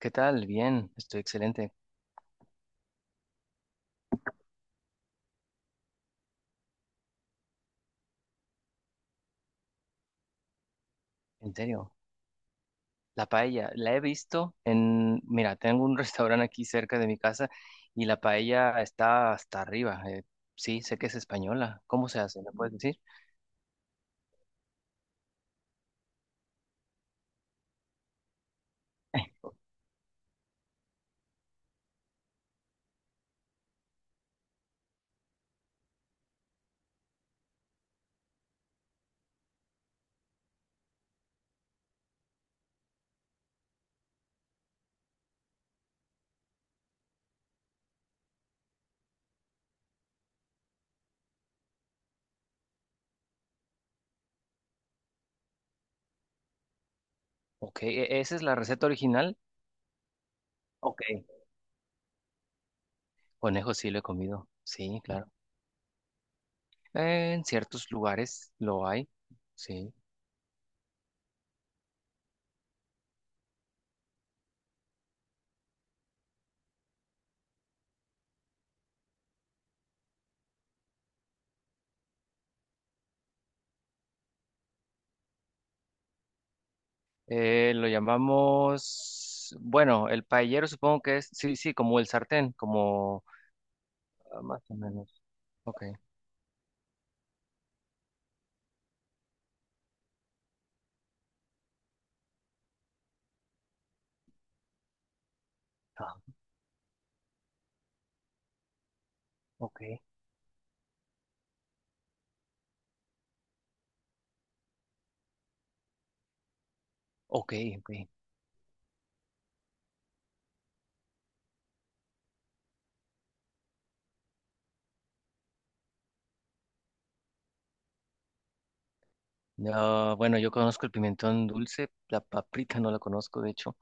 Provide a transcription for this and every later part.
¿Qué tal? Bien, estoy excelente, en serio. La paella, la he visto en, mira, tengo un restaurante aquí cerca de mi casa y la paella está hasta arriba. Sí, sé que es española. ¿Cómo se hace? ¿Me puedes decir? Ok, ¿esa es la receta original? Ok. Conejo sí lo he comido, sí, claro. En ciertos lugares lo hay, sí. Lo llamamos, bueno, el paellero supongo que es, sí, sí, como el sartén, como más o menos. Ok. Ok, ok, ok. No, bueno, yo conozco el pimentón dulce, la paprika no la conozco, de hecho.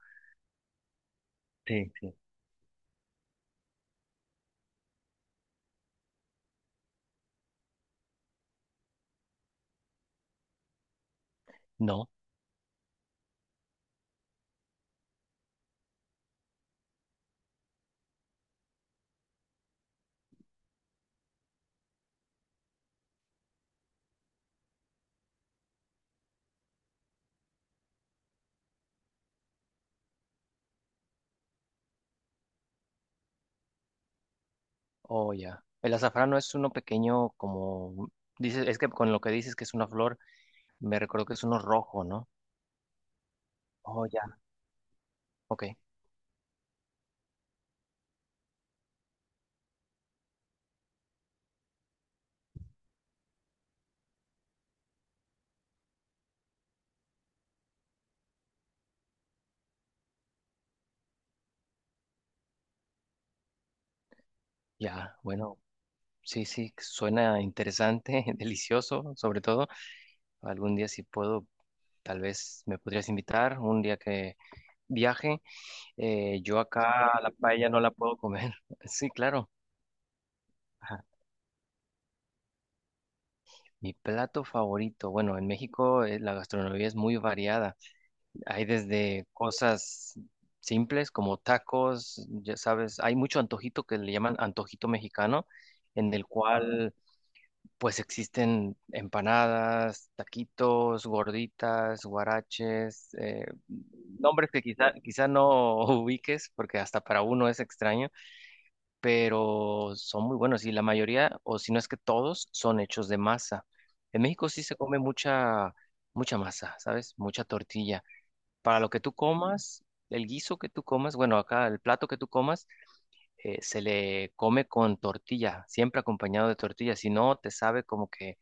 Sí, sí. No, oh, ya. El azafrán no es uno pequeño como dices, es que con lo que dices que es una flor, me recuerdo que es uno rojo, ¿no? Oh, ya. Ok, ya, bueno, sí, sí, suena interesante, delicioso, sobre todo. Algún día si puedo, tal vez me podrías invitar, un día que viaje. Yo acá la paella no la puedo comer. Sí, claro. Mi plato favorito, bueno, en México la gastronomía es muy variada. Hay desde cosas simples como tacos, ya sabes, hay mucho antojito que le llaman antojito mexicano, en el cual pues existen empanadas, taquitos, gorditas, guaraches, nombres que quizá, quizá no ubiques porque hasta para uno es extraño, pero son muy buenos y la mayoría, o si no es que todos, son hechos de masa. En México sí se come mucha, mucha masa, ¿sabes? Mucha tortilla. Para lo que tú comas, el guiso que tú comas, bueno, acá el plato que tú comas, se le come con tortilla, siempre acompañado de tortilla, si no, te sabe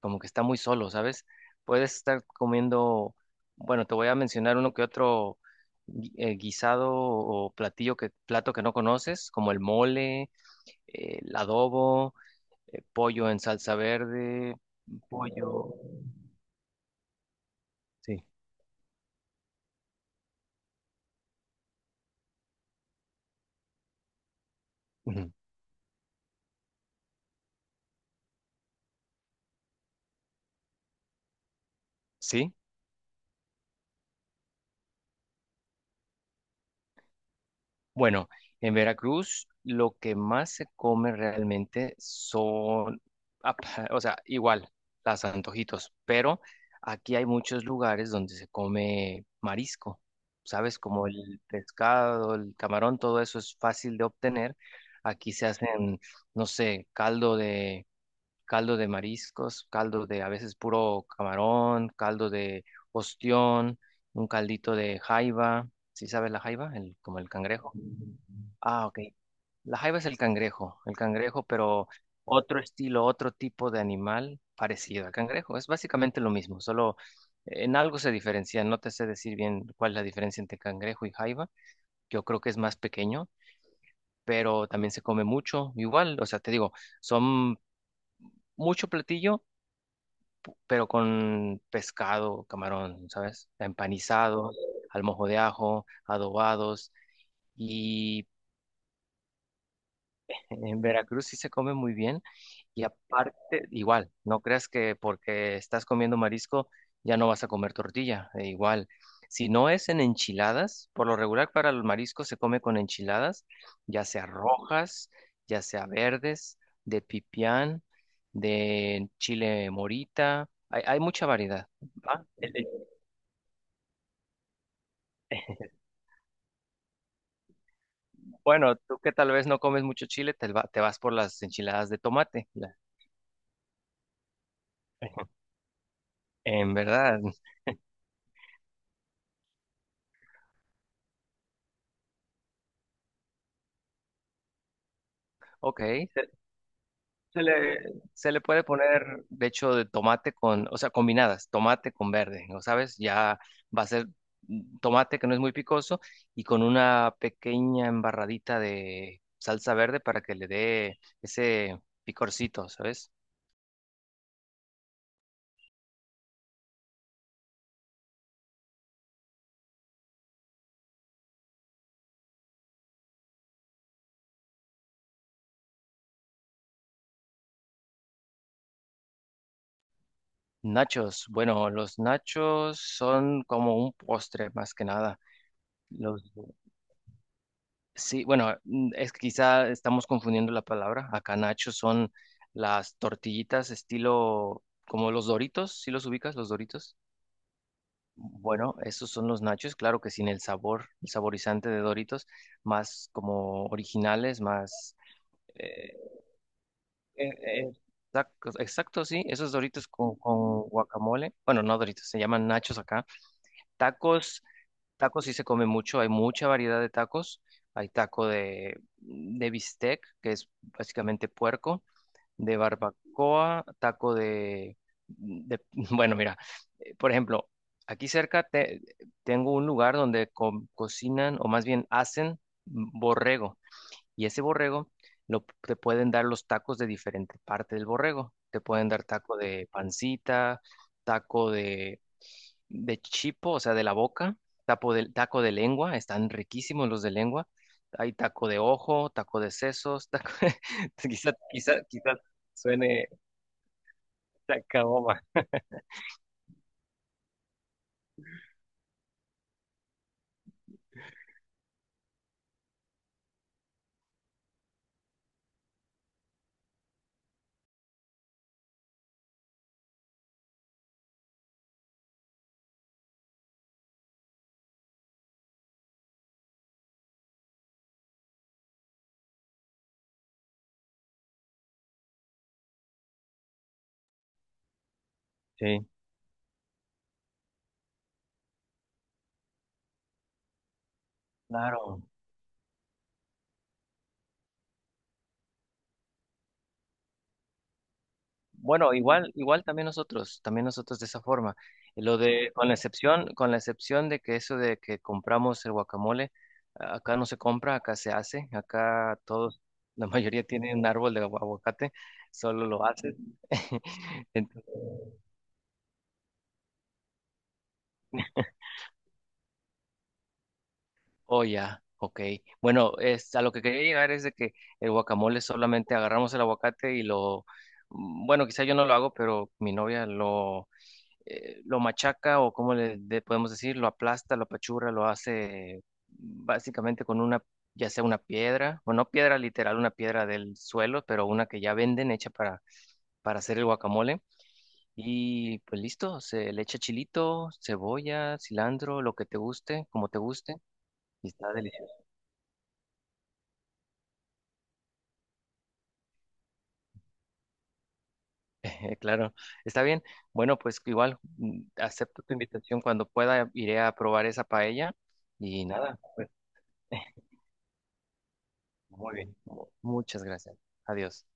como que está muy solo, ¿sabes? Puedes estar comiendo, bueno, te voy a mencionar uno que otro guisado o platillo que, plato que no conoces, como el mole, el adobo, pollo en salsa verde, pollo. Sí. Ujú, sí. Bueno, en Veracruz lo que más se come realmente son, ap- o sea, igual, las antojitos, pero aquí hay muchos lugares donde se come marisco, ¿sabes? Como el pescado, el camarón, todo eso es fácil de obtener. Aquí se hacen, no sé, caldo de mariscos, caldo de a veces puro camarón, caldo de ostión, un caldito de jaiba. ¿Sí sabes la jaiba? El, como el cangrejo. Ah, ok. La jaiba es el cangrejo, pero otro estilo, otro tipo de animal parecido al cangrejo. Es básicamente lo mismo, solo en algo se diferencia. No te sé decir bien cuál es la diferencia entre cangrejo y jaiba. Yo creo que es más pequeño, pero también se come mucho, igual. O sea, te digo, son mucho platillo pero con pescado, camarón, ¿sabes? Empanizado, al mojo de ajo, adobados. Y en Veracruz sí se come muy bien. Y aparte, igual, no creas que porque estás comiendo marisco ya no vas a comer tortilla, e igual. Si no es en enchiladas, por lo regular para los mariscos se come con enchiladas, ya sea rojas, ya sea verdes, de pipián, de chile morita, hay mucha variedad. ¿Va? El bueno, tú que tal vez no comes mucho chile, te vas por las enchiladas de tomate. En verdad, ok. Se, se le, se le puede poner, de hecho, de tomate con, o sea, combinadas, tomate con verde, ¿no sabes? Ya va a ser tomate que no es muy picoso y con una pequeña embarradita de salsa verde para que le dé ese picorcito, ¿sabes? Nachos, bueno, los nachos son como un postre más que nada. Los Sí, bueno, es que quizá estamos confundiendo la palabra. Acá nachos son las tortillitas estilo como los Doritos. ¿Sí los ubicas, los Doritos? Bueno, esos son los nachos, claro que sin el sabor, el saborizante de Doritos, más como originales, más. Eh, eh, eh, exacto, exacto, sí, esos Doritos con guacamole, bueno, no Doritos, se llaman nachos acá. Tacos, tacos sí se come mucho, hay mucha variedad de tacos. Hay taco de bistec, que es básicamente puerco, de barbacoa, taco de- bueno, mira, por ejemplo, aquí cerca tengo un lugar donde cocinan o más bien hacen borrego. Y ese borrego te pueden dar los tacos de diferente parte del borrego. Te pueden dar taco de pancita, taco de chipo, o sea, de la boca, taco de lengua, están riquísimos los de lengua. Hay taco de ojo, taco de sesos, taco quizá, quizá, quizá suene tacaboma. Sí, claro. Bueno, igual, igual también nosotros de esa forma. Con la excepción, con la excepción de que eso de que compramos el guacamole, acá no se compra, acá se hace, acá todos, la mayoría tienen un árbol de aguacate, solo lo hacen. Oh, ya, ok. Bueno, es, a lo que quería llegar es de que el guacamole solamente agarramos el aguacate y bueno, quizá yo no lo hago, pero mi novia lo machaca o como le podemos decir, lo aplasta, lo apachurra, lo hace básicamente con una, ya sea una piedra, o no piedra literal, una piedra del suelo, pero una que ya venden hecha para hacer el guacamole. Y pues listo, se le echa chilito, cebolla, cilantro, lo que te guste, como te guste, y está delicioso. Claro, está bien. Bueno, pues igual acepto tu invitación. Cuando pueda, iré a probar esa paella y nada, pues, muy bien. Muchas gracias. Adiós.